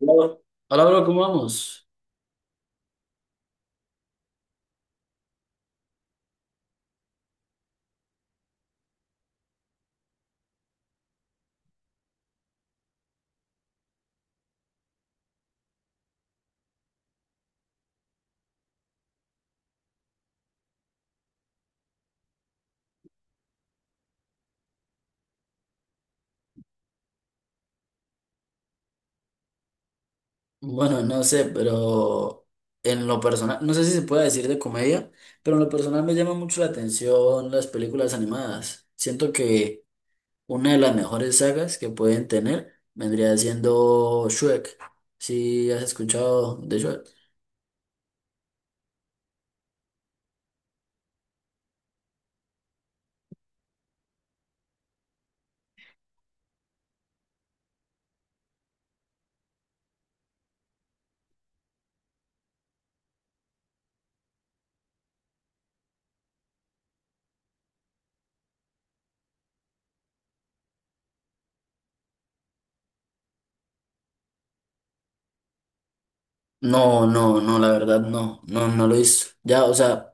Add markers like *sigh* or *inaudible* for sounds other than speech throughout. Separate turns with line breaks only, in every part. Hola. Hola, bro, ¿cómo vamos? Bueno, no sé, pero en lo personal, no sé si se puede decir de comedia, pero en lo personal me llama mucho la atención las películas animadas. Siento que una de las mejores sagas que pueden tener vendría siendo Shrek. ¿Si has escuchado de Shrek? No, no, no, la verdad no, no, no lo hizo. Ya, o sea,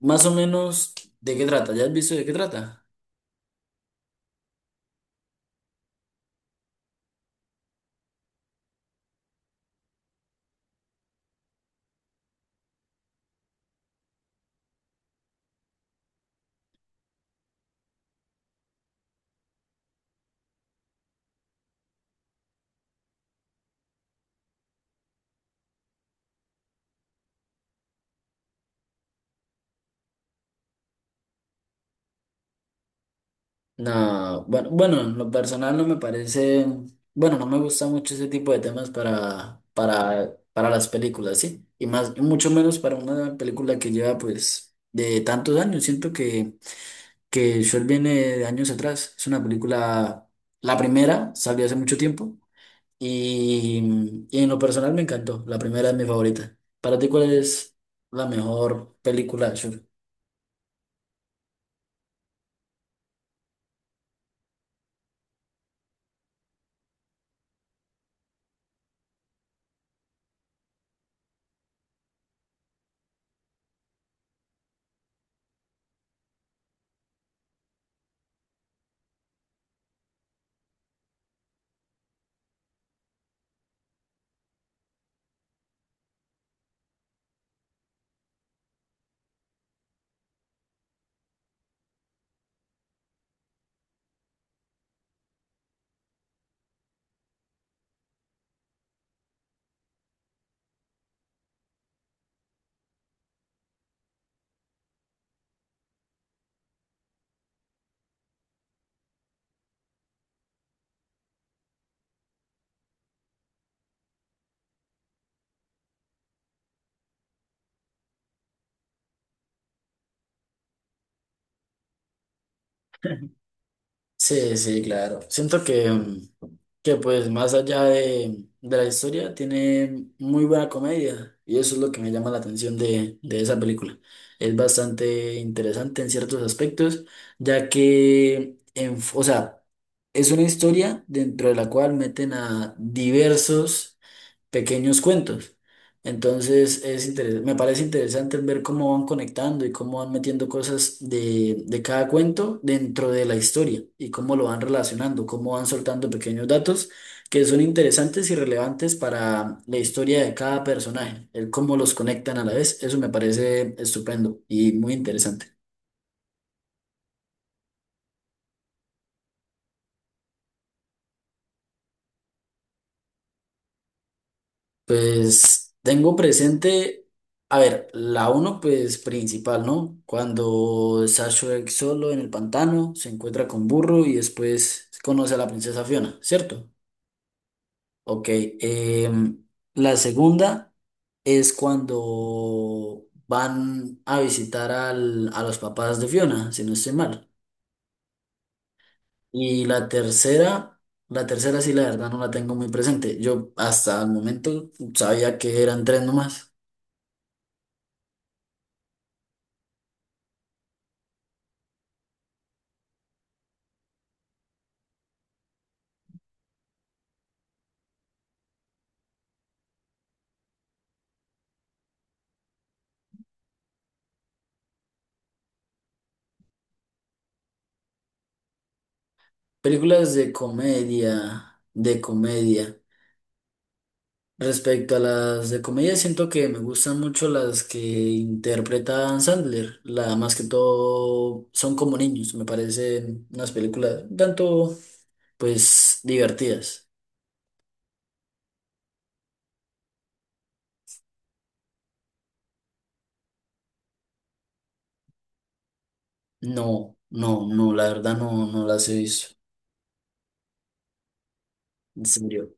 más o menos, ¿de qué trata? ¿Ya has visto de qué trata? No, bueno, bueno, en lo personal no me parece, bueno, no me gusta mucho ese tipo de temas para las películas, ¿sí? Y más, y mucho menos para una película que lleva pues de tantos años. Siento que Shrek viene de años atrás. Es una película, la primera salió hace mucho tiempo y en lo personal me encantó. La primera es mi favorita. ¿Para ti cuál es la mejor película de Shrek? *laughs* Sí, sí, claro. Siento que, que pues más allá de la historia tiene muy buena comedia y eso es lo que me llama la atención de esa película. Es bastante interesante en ciertos aspectos, ya que, en, o sea, es una historia dentro de la cual meten a diversos pequeños cuentos. Entonces me parece interesante ver cómo van conectando y cómo van metiendo cosas de cada cuento dentro de la historia y cómo lo van relacionando, cómo van soltando pequeños datos que son interesantes y relevantes para la historia de cada personaje, el cómo los conectan a la vez. Eso me parece estupendo y muy interesante. Pues tengo presente, a ver, la uno pues principal, ¿no? Cuando Sashue solo en el pantano se encuentra con Burro y después conoce a la princesa Fiona, ¿cierto? Ok, em, la segunda es cuando van a visitar a los papás de Fiona, si no estoy mal. Y la tercera sí la verdad no la tengo muy presente. Yo hasta el momento sabía que eran tres nomás. Películas de comedia, de comedia. Respecto a las de comedia, siento que me gustan mucho las que interpreta Adam Sandler. La más que todo son como niños, me parecen unas películas un tanto, pues, divertidas. No, no, no, la verdad no, no las he visto. En serio.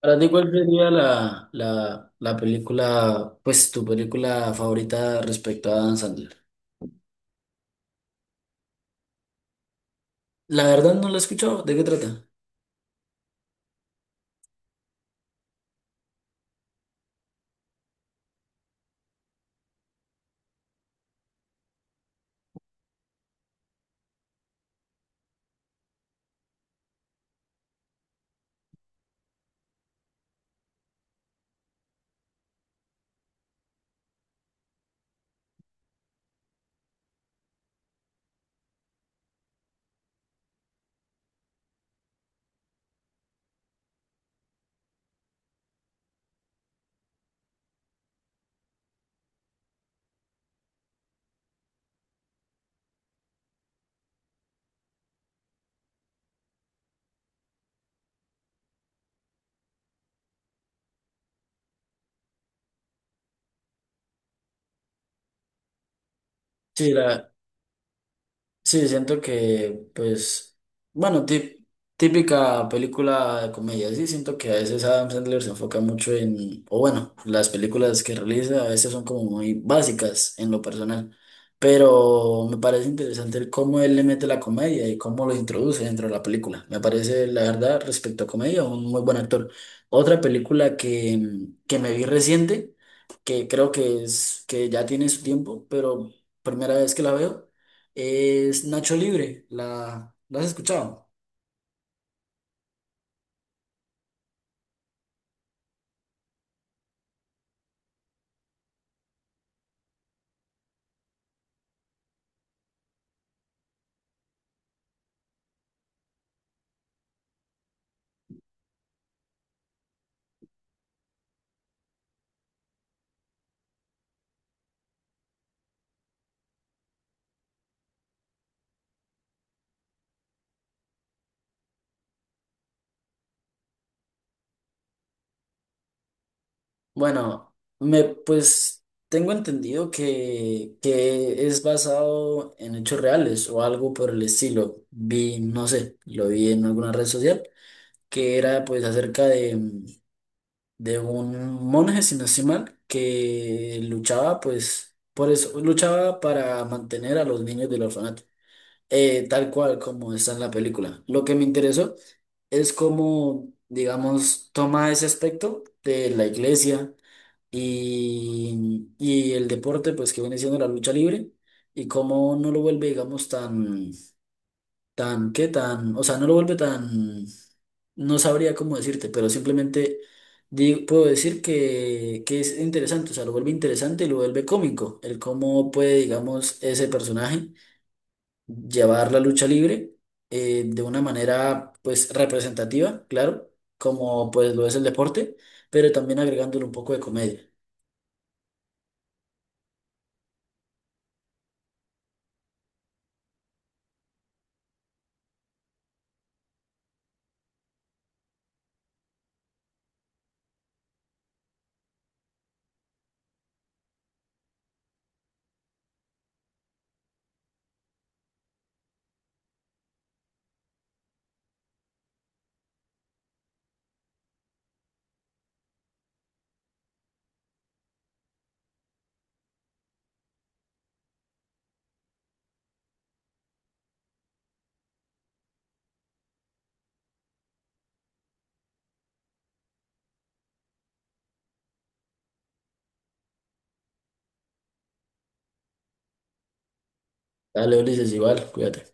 Para ti, ¿cuál sería la película, pues, tu película favorita respecto a Adam Sandler? La verdad no la he escuchado. ¿De qué trata? Sí, la, Sí, siento que, pues, bueno, típica película de comedia, sí, siento que a veces Adam Sandler se enfoca mucho en, o bueno, las películas que realiza a veces son como muy básicas en lo personal, pero me parece interesante el cómo él le mete la comedia y cómo lo introduce dentro de la película. Me parece, la verdad, respecto a comedia, un muy buen actor. Otra película que, que me vi reciente, que creo que es, que ya tiene su tiempo, pero primera vez que la veo es Nacho Libre, la has escuchado? Bueno, pues tengo entendido que es basado en hechos reales o algo por el estilo. Vi, no sé, lo vi en alguna red social, que era pues acerca de, de un monje, si no estoy mal, que luchaba pues, por eso, luchaba para mantener a los niños del orfanato. Tal cual como está en la película. Lo que me interesó es cómo, digamos, toma ese aspecto de la iglesia y el deporte, pues que viene siendo la lucha libre, y cómo no lo vuelve, digamos, tan, tan, ¿qué tan? O sea, no lo vuelve tan, no sabría cómo decirte, pero simplemente puedo decir que es interesante, o sea, lo vuelve interesante y lo vuelve cómico, el cómo puede, digamos, ese personaje llevar la lucha libre de una manera pues representativa, claro, como pues lo es el deporte, pero también agregándole un poco de comedia. Dale, Ulises, igual, cuídate.